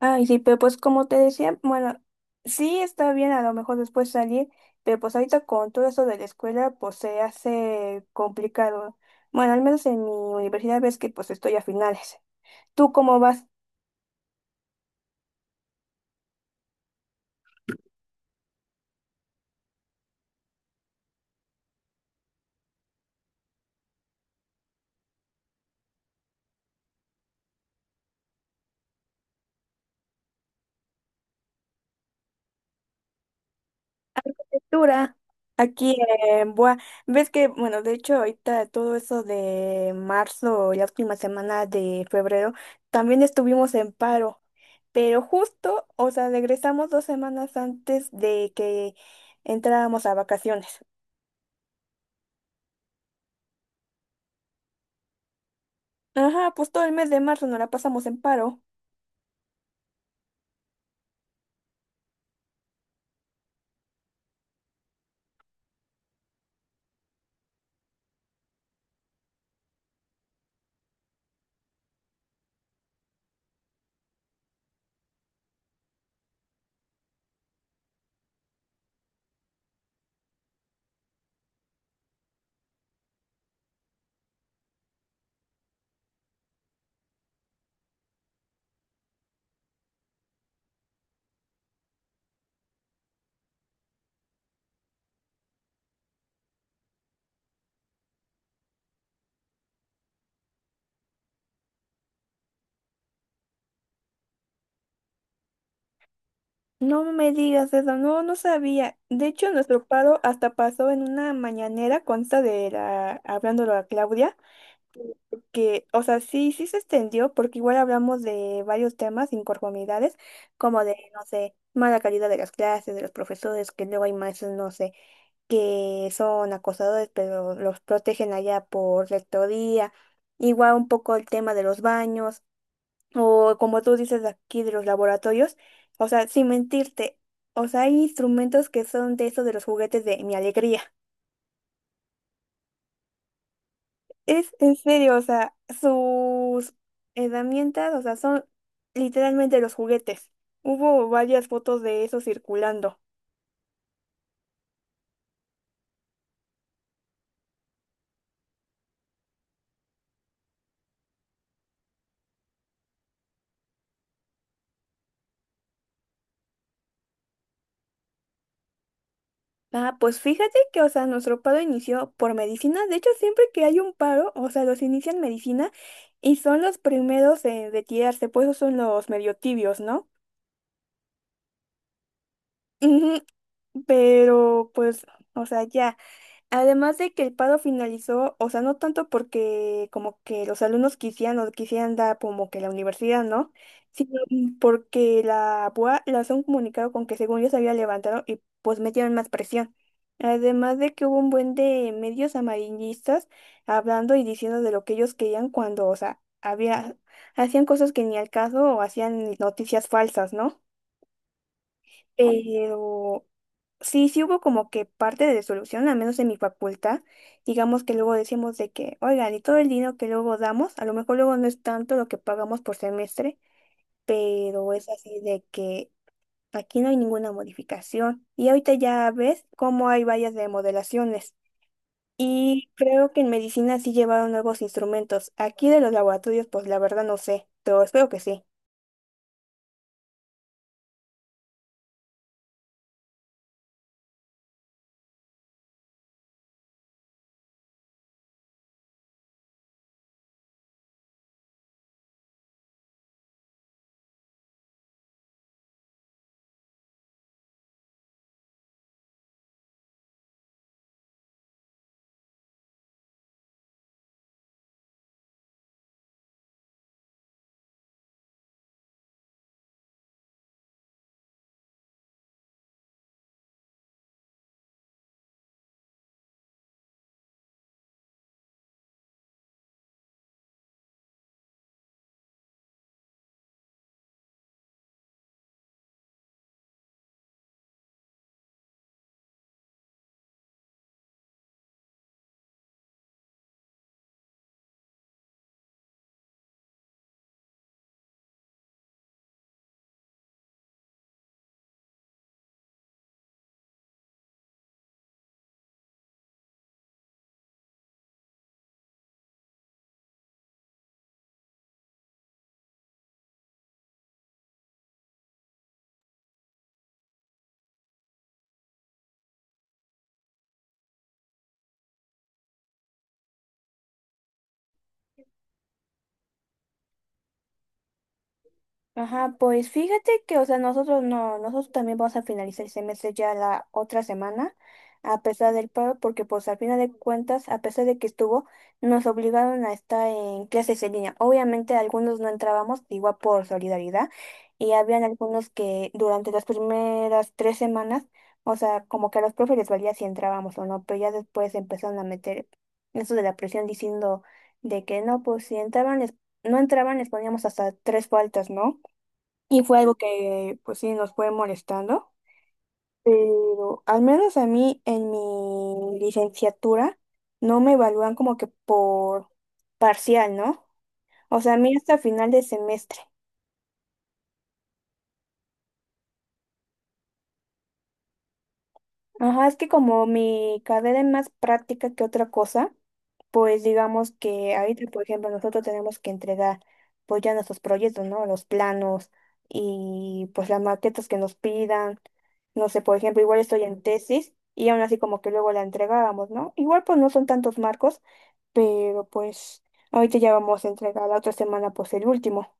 Ay, sí, pero pues como te decía, bueno, sí está bien a lo mejor después salir, pero pues ahorita con todo eso de la escuela, pues se hace complicado. Bueno, al menos en mi universidad ves que pues estoy a finales. ¿Tú cómo vas? Dura. Aquí en Boa, ves que, bueno, de hecho ahorita todo eso de marzo, la última semana de febrero, también estuvimos en paro, pero justo, o sea, regresamos dos semanas antes de que entráramos a vacaciones. Ajá, pues todo el mes de marzo nos la pasamos en paro. No me digas eso, no, no sabía. De hecho, nuestro paro hasta pasó en una mañanera, consta de la, hablándolo a Claudia, que, o sea, sí, sí se extendió, porque igual hablamos de varios temas, inconformidades, como de, no sé, mala calidad de las clases, de los profesores, que luego hay maestros, no sé, que son acosadores, pero los protegen allá por rectoría. Igual un poco el tema de los baños, o como tú dices aquí de los laboratorios, o sea, sin mentirte, o sea, hay instrumentos que son de eso de los juguetes de Mi Alegría. Es en serio, o sea, sus herramientas, o sea, son literalmente los juguetes. Hubo varias fotos de eso circulando. Ah, pues fíjate que, o sea, nuestro paro inició por medicina. De hecho, siempre que hay un paro, o sea, los inician medicina y son los primeros en retirarse, pues esos son los medio tibios, ¿no? Ujú. Pero pues, o sea, ya. Además de que el paro finalizó, o sea, no tanto porque como que los alumnos quisieran o quisieran dar como que la universidad, ¿no? Sino porque la BUA lanzó un comunicado con que según ellos había levantado y pues metieron más presión. Además de que hubo un buen de medios amarillistas hablando y diciendo de lo que ellos querían cuando, o sea, había, hacían cosas que ni al caso o hacían noticias falsas, ¿no? Pero sí, sí hubo como que parte de solución, al menos en mi facultad. Digamos que luego decíamos de que, oigan, y todo el dinero que luego damos, a lo mejor luego no es tanto lo que pagamos por semestre, pero es así de que aquí no hay ninguna modificación. Y ahorita ya ves cómo hay vallas de modelaciones. Y creo que en medicina sí llevaron nuevos instrumentos. Aquí de los laboratorios, pues la verdad no sé, pero espero que sí. Ajá, pues fíjate que, o sea, nosotros no, nosotros también vamos a finalizar el semestre ya la otra semana, a pesar del paro, porque pues al final de cuentas, a pesar de que estuvo, nos obligaron a estar en clases en línea. Obviamente algunos no entrábamos, igual por solidaridad, y habían algunos que durante las primeras tres semanas, o sea, como que a los profes les valía si entrábamos o no, pero ya después empezaron a meter eso de la presión diciendo de que no, pues si entraban, no entraban, les poníamos hasta tres faltas, ¿no? Y fue algo que, pues sí, nos fue molestando, pero al menos a mí en mi licenciatura no me evalúan como que por parcial, ¿no? O sea, a mí hasta final de semestre. Ajá, es que como mi carrera es más práctica que otra cosa, pues digamos que ahorita, por ejemplo, nosotros tenemos que entregar pues ya nuestros proyectos, ¿no? Los planos y pues las maquetas que nos pidan. No sé, por ejemplo, igual estoy en tesis y aún así como que luego la entregábamos, ¿no? Igual pues no son tantos marcos, pero pues ahorita ya vamos a entregar la otra semana pues el último.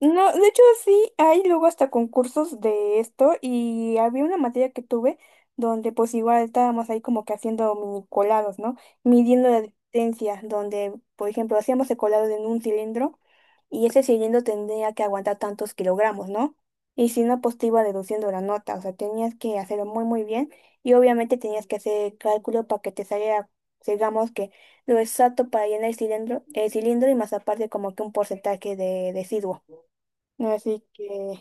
No, de hecho sí, hay luego hasta concursos de esto y había una materia que tuve donde pues igual estábamos ahí como que haciendo mini colados, ¿no? Midiendo la distancia, donde por ejemplo hacíamos el colado en un cilindro y ese cilindro tendría que aguantar tantos kilogramos, ¿no? Y si no, pues te iba deduciendo la nota, o sea, tenías que hacerlo muy muy bien y obviamente tenías que hacer cálculo para que te saliera, digamos que lo exacto para llenar el cilindro y más aparte como que un porcentaje de residuo. Así que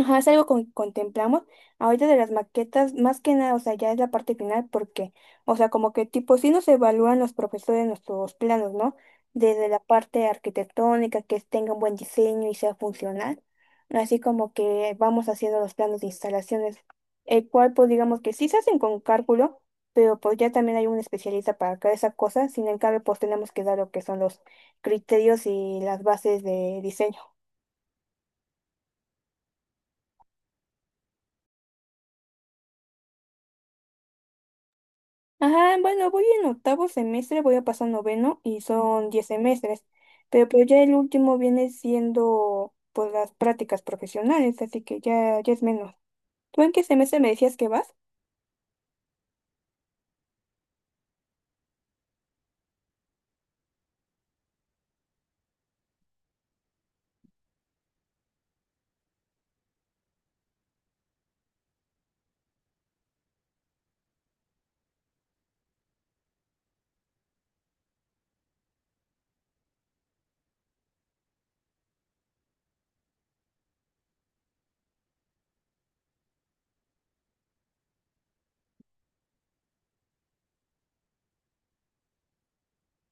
ajá, es algo que contemplamos. Ahorita de las maquetas, más que nada, o sea, ya es la parte final porque, o sea, como que tipo, sí nos evalúan los profesores nuestros planos, ¿no? Desde la parte arquitectónica, que tenga un buen diseño y sea funcional, así como que vamos haciendo los planos de instalaciones, el cual, pues digamos que sí se hacen con cálculo, pero pues ya también hay un especialista para cada esa cosa, sin embargo, pues tenemos que dar lo que son los criterios y las bases de diseño. Ajá, bueno, voy en octavo semestre, voy a pasar noveno y son diez semestres, pero pues ya el último viene siendo pues las prácticas profesionales, así que ya, ya es menos. ¿Tú en qué semestre me decías que vas?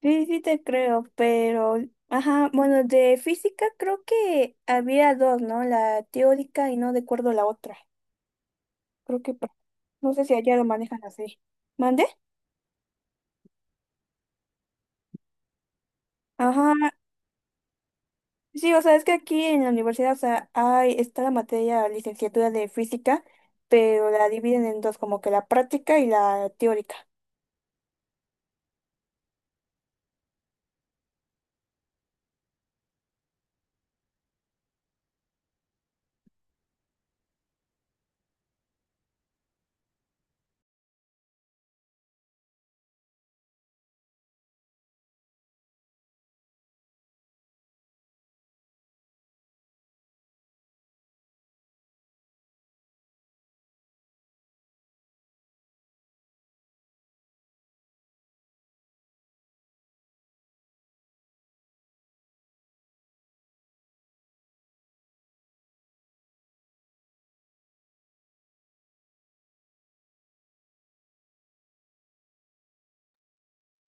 Sí, sí te creo, pero, ajá, bueno, de física creo que había dos, ¿no? La teórica y no recuerdo la otra. Creo que pa- no sé si allá lo manejan así. ¿Mande? Ajá, sí, o sea, es que aquí en la universidad, o sea, hay, está la materia licenciatura de física, pero la dividen en dos, como que la práctica y la teórica.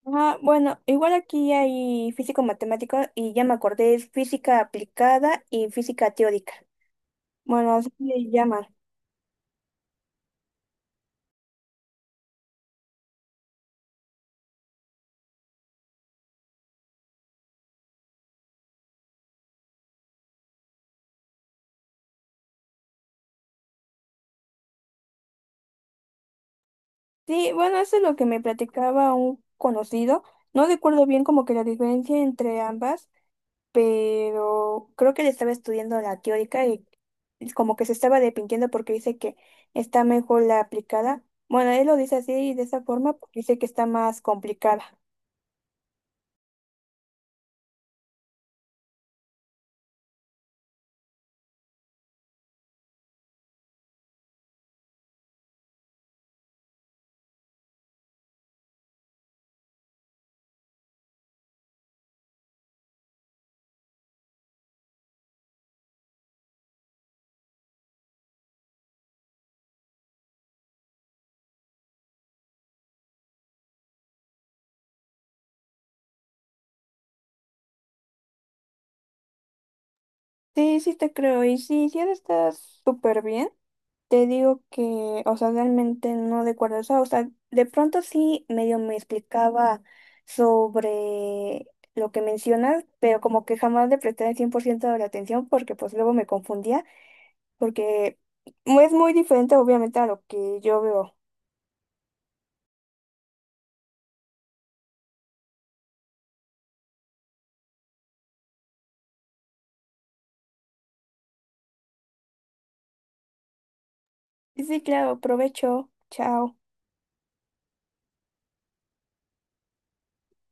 Ah, bueno, igual aquí hay físico matemático y ya me acordé, es física aplicada y física teórica. Bueno, así le llaman. Sí, bueno, eso es lo que me platicaba un conocido. No recuerdo bien como que la diferencia entre ambas, pero creo que le estaba estudiando la teórica y como que se estaba arrepintiendo porque dice que está mejor la aplicada. Bueno, él lo dice así de esa forma porque dice que está más complicada. Sí, sí te creo. Y sí, sí ahora está súper bien. Te digo que, o sea, realmente no recuerdo eso. O sea, de pronto sí medio me explicaba sobre lo que mencionas, pero como que jamás le presté el 100% de la atención porque pues luego me confundía, porque es muy diferente obviamente a lo que yo veo. Sí, sí, claro, provecho. Chao.